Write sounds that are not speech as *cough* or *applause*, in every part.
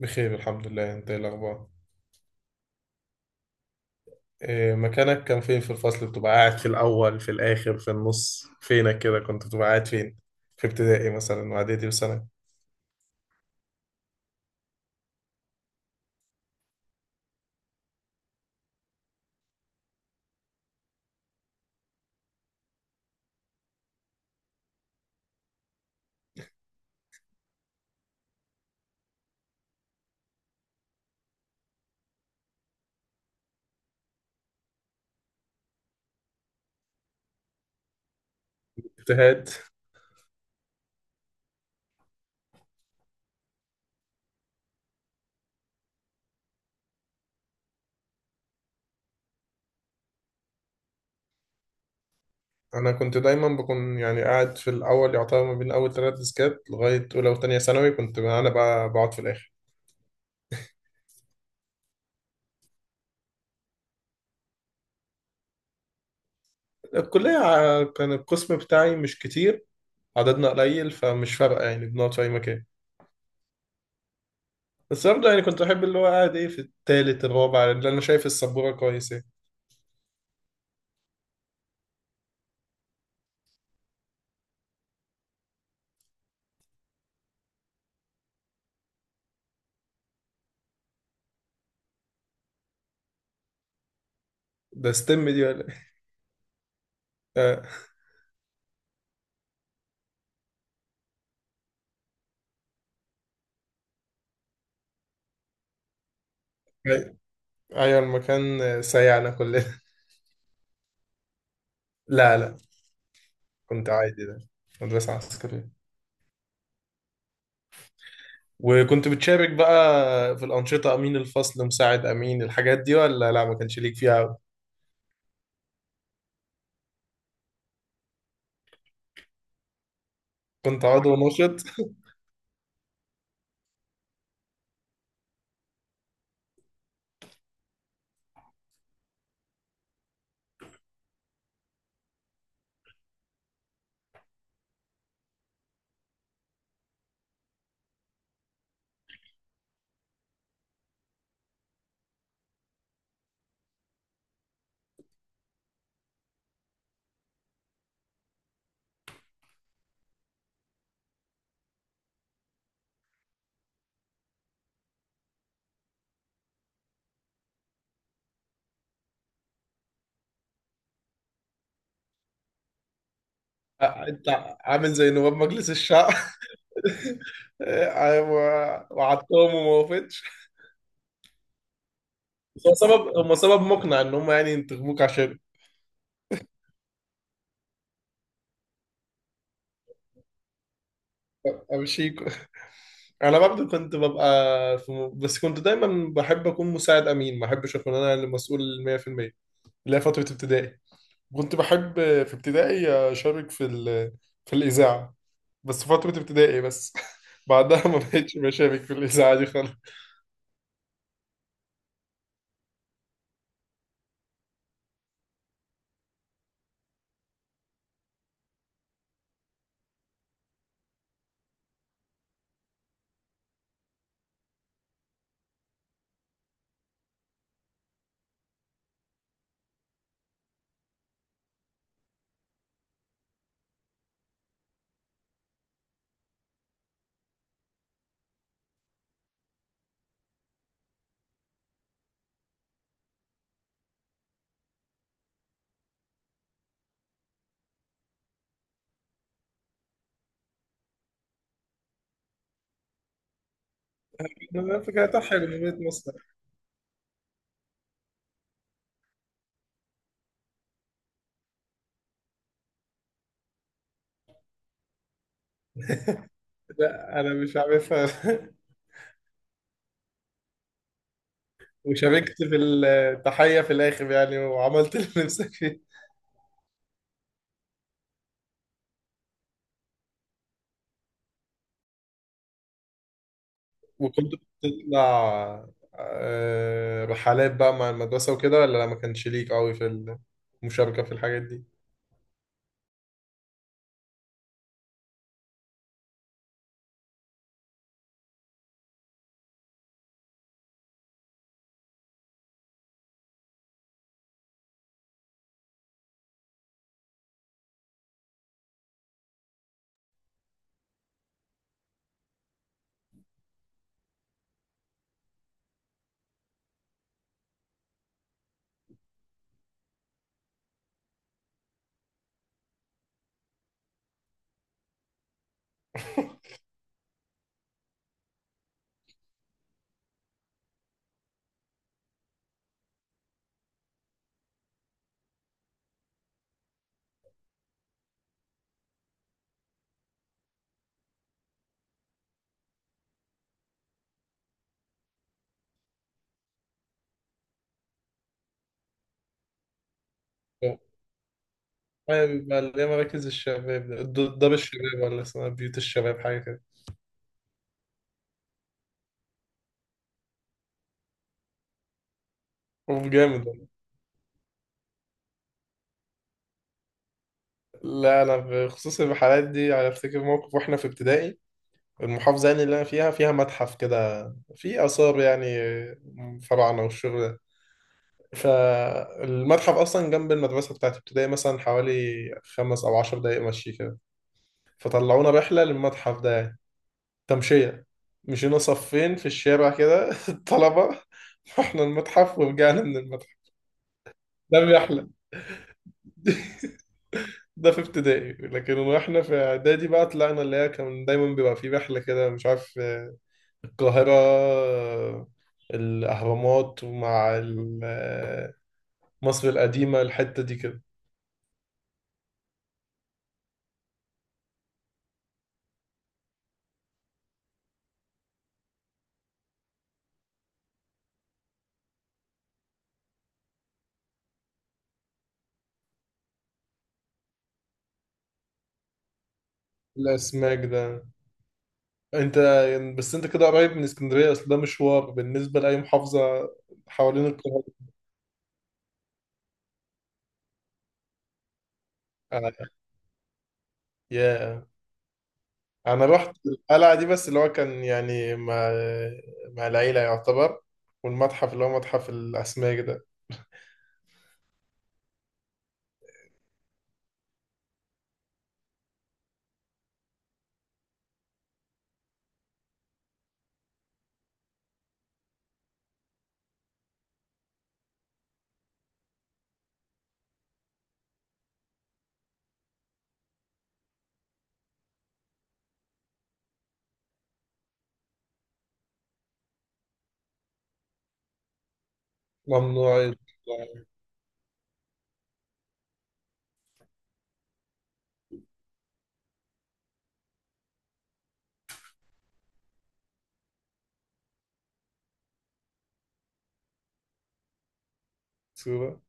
بخير الحمد لله، انت ايه الاخبار؟ إيه مكانك؟ كان فين في الفصل؟ بتبقى قاعد في الاول، في الاخر، في النص؟ فينك كده؟ كنت بتبقى قاعد فين في ابتدائي مثلا واعدادي وثانوي؟ اجتهاد. انا كنت دايما بكون يعني قاعد في الاول، يعتبر ما بين اول 3 ديسكات، لغايه اولى وثانيه ثانوي كنت انا بقى بقعد في الاخر. الكلية كان القسم بتاعي مش كتير، عددنا قليل فمش فارقة يعني، بنقعد في أي مكان. بس برضه يعني كنت أحب اللي هو قاعد إيه في التالت الرابع، اللي أنا شايف السبورة كويس إيه. ده ستيم دي ولا إيه؟ آه، أي- أيوة، المكان سيعنا كلنا. *laughs* لا، لا، كنت عادي ده، مدرسة عسكرية. وكنت بتشارك بقى في الأنشطة، أمين الفصل، مساعد أمين، الحاجات دي ولا لا، ما كانش ليك فيها أوي؟ كنت عضو ناشط. آه، أنت عامل زي نواب مجلس الشعب. *laughs* أيوة، وعدتهم وما وافقتش. بس هو سبب، هم سبب مقنع ان هم يعني ينتخبوك عشان امشيك. انا برضه كنت ببقى في بس كنت دايما بحب اكون مساعد امين، ما احبش اكون انا اللي مسؤول 100%، اللي هي فتره ابتدائي. كنت بحب في ابتدائي اشارك في في الاذاعه، بس فتره ابتدائي بس. *laughs* بعدها ما بقتش بشارك في الاذاعه دي خالص. أنا فكرتها حلوه بيت مصر. لا، انا مش عارفها. *laughs* وشاركت في التحية في الآخر يعني، وعملت اللي نفسك فيه. وكنت بتطلع رحلات بقى مع المدرسة وكده، ولا لا، ما كانش ليك قوي في المشاركة في الحاجات دي؟ *laughs* لا. أيوة، بيبقى اللي هي مراكز الشباب، دار الشباب، ولا اسمها بيوت الشباب حاجة كده. وجامد والله. لا، أنا بخصوص الرحلات دي أنا أفتكر موقف وإحنا في ابتدائي، المحافظة يعني اللي أنا فيها فيها متحف كده، فيه آثار يعني، فراعنة والشغل. فالمتحف اصلا جنب المدرسه بتاعت ابتدائي مثلا، حوالي 5 او 10 دقايق مشي كده. فطلعونا رحله للمتحف ده يعني، تمشيه، مشينا صفين في الشارع كده. *laughs* الطلبه رحنا المتحف ورجعنا من المتحف. ده الرحله. *laughs* ده في ابتدائي، لكن واحنا في اعدادي بقى طلعنا، اللي هي كان دايما بيبقى في رحله كده، مش عارف القاهره، الاهرامات ومع مصر القديمه، الحته دي كده. الاسماك ده. انت يعني، بس انت كده قريب من اسكندريه، اصل ده مشوار بالنسبه لاي محافظه حوالين القاهره. انا يا انا رحت القلعه دي، بس اللي هو كان يعني مع العيله يعتبر، والمتحف اللي هو متحف الاسماك ده. ممنوع يطلع صوره.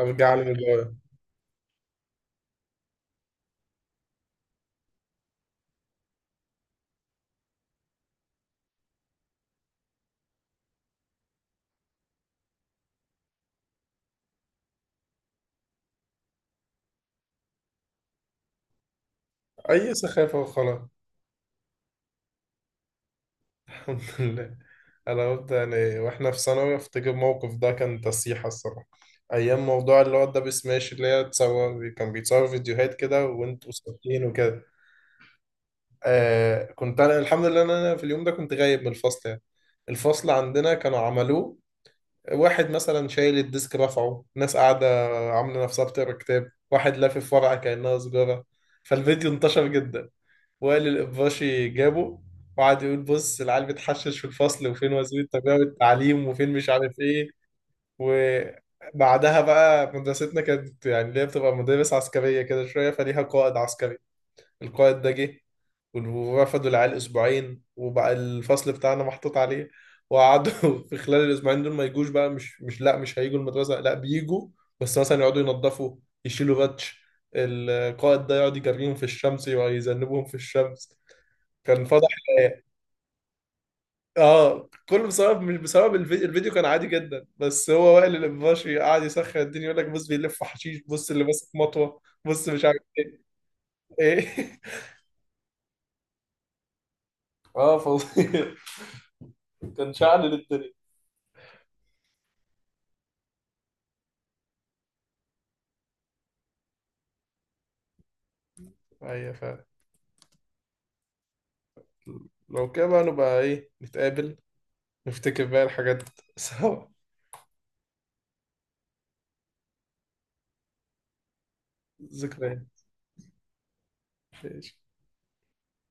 ارجع لي للغايه اي سخافه وخلاص. *laughs* الحمد لله. انا قلت يعني واحنا في ثانوي افتكر موقف، ده كان تصيحه الصراحه، ايام موضوع اللي هو الدبل سماش، اللي هي تصور، كان بيتصور فيديوهات كده وانتوا ساكتين وكده. آه، كنت انا الحمد لله ان انا في اليوم ده كنت غايب من الفصل يعني. الفصل عندنا كانوا عملوه، واحد مثلا شايل الديسك رفعه، ناس قاعده عامله نفسها بتقرا كتاب، واحد لافف ورقه كانها سجاره. فالفيديو انتشر جدا. وائل القباشي جابه وقعد يقول، بص العيال بتحشش في الفصل، وفين وزير التربيه والتعليم، وفين مش عارف ايه. وبعدها بقى مدرستنا كانت يعني اللي هي بتبقى مدارس عسكريه كده شويه، فليها قائد عسكري. القائد ده جه، ورفضوا العيال اسبوعين، وبقى الفصل بتاعنا محطوط عليه. وقعدوا *laughs* في خلال الاسبوعين دول ما يجوش بقى، مش مش لا مش هيجوا المدرسه، لا، بيجوا بس مثلا يقعدوا ينظفوا يشيلوا باتش، القائد ده يقعد يجريهم في الشمس ويذنبهم في الشمس. كان فضح الآية. اه، كله بسبب، مش بسبب الفيديو، الفيديو كان عادي جدا، بس هو وائل الابواشي قاعد يسخن الدنيا يقول لك بص بيلف حشيش، بص اللي ماسك مطوه، بص مش عارف ايه. *laughs* اه فظيع، كان شعل للدنيا. ايوه فعلا. لو كده بقى نبقى ايه نتقابل، نفتكر بقى الحاجات سوا. ذكريات. ماشي.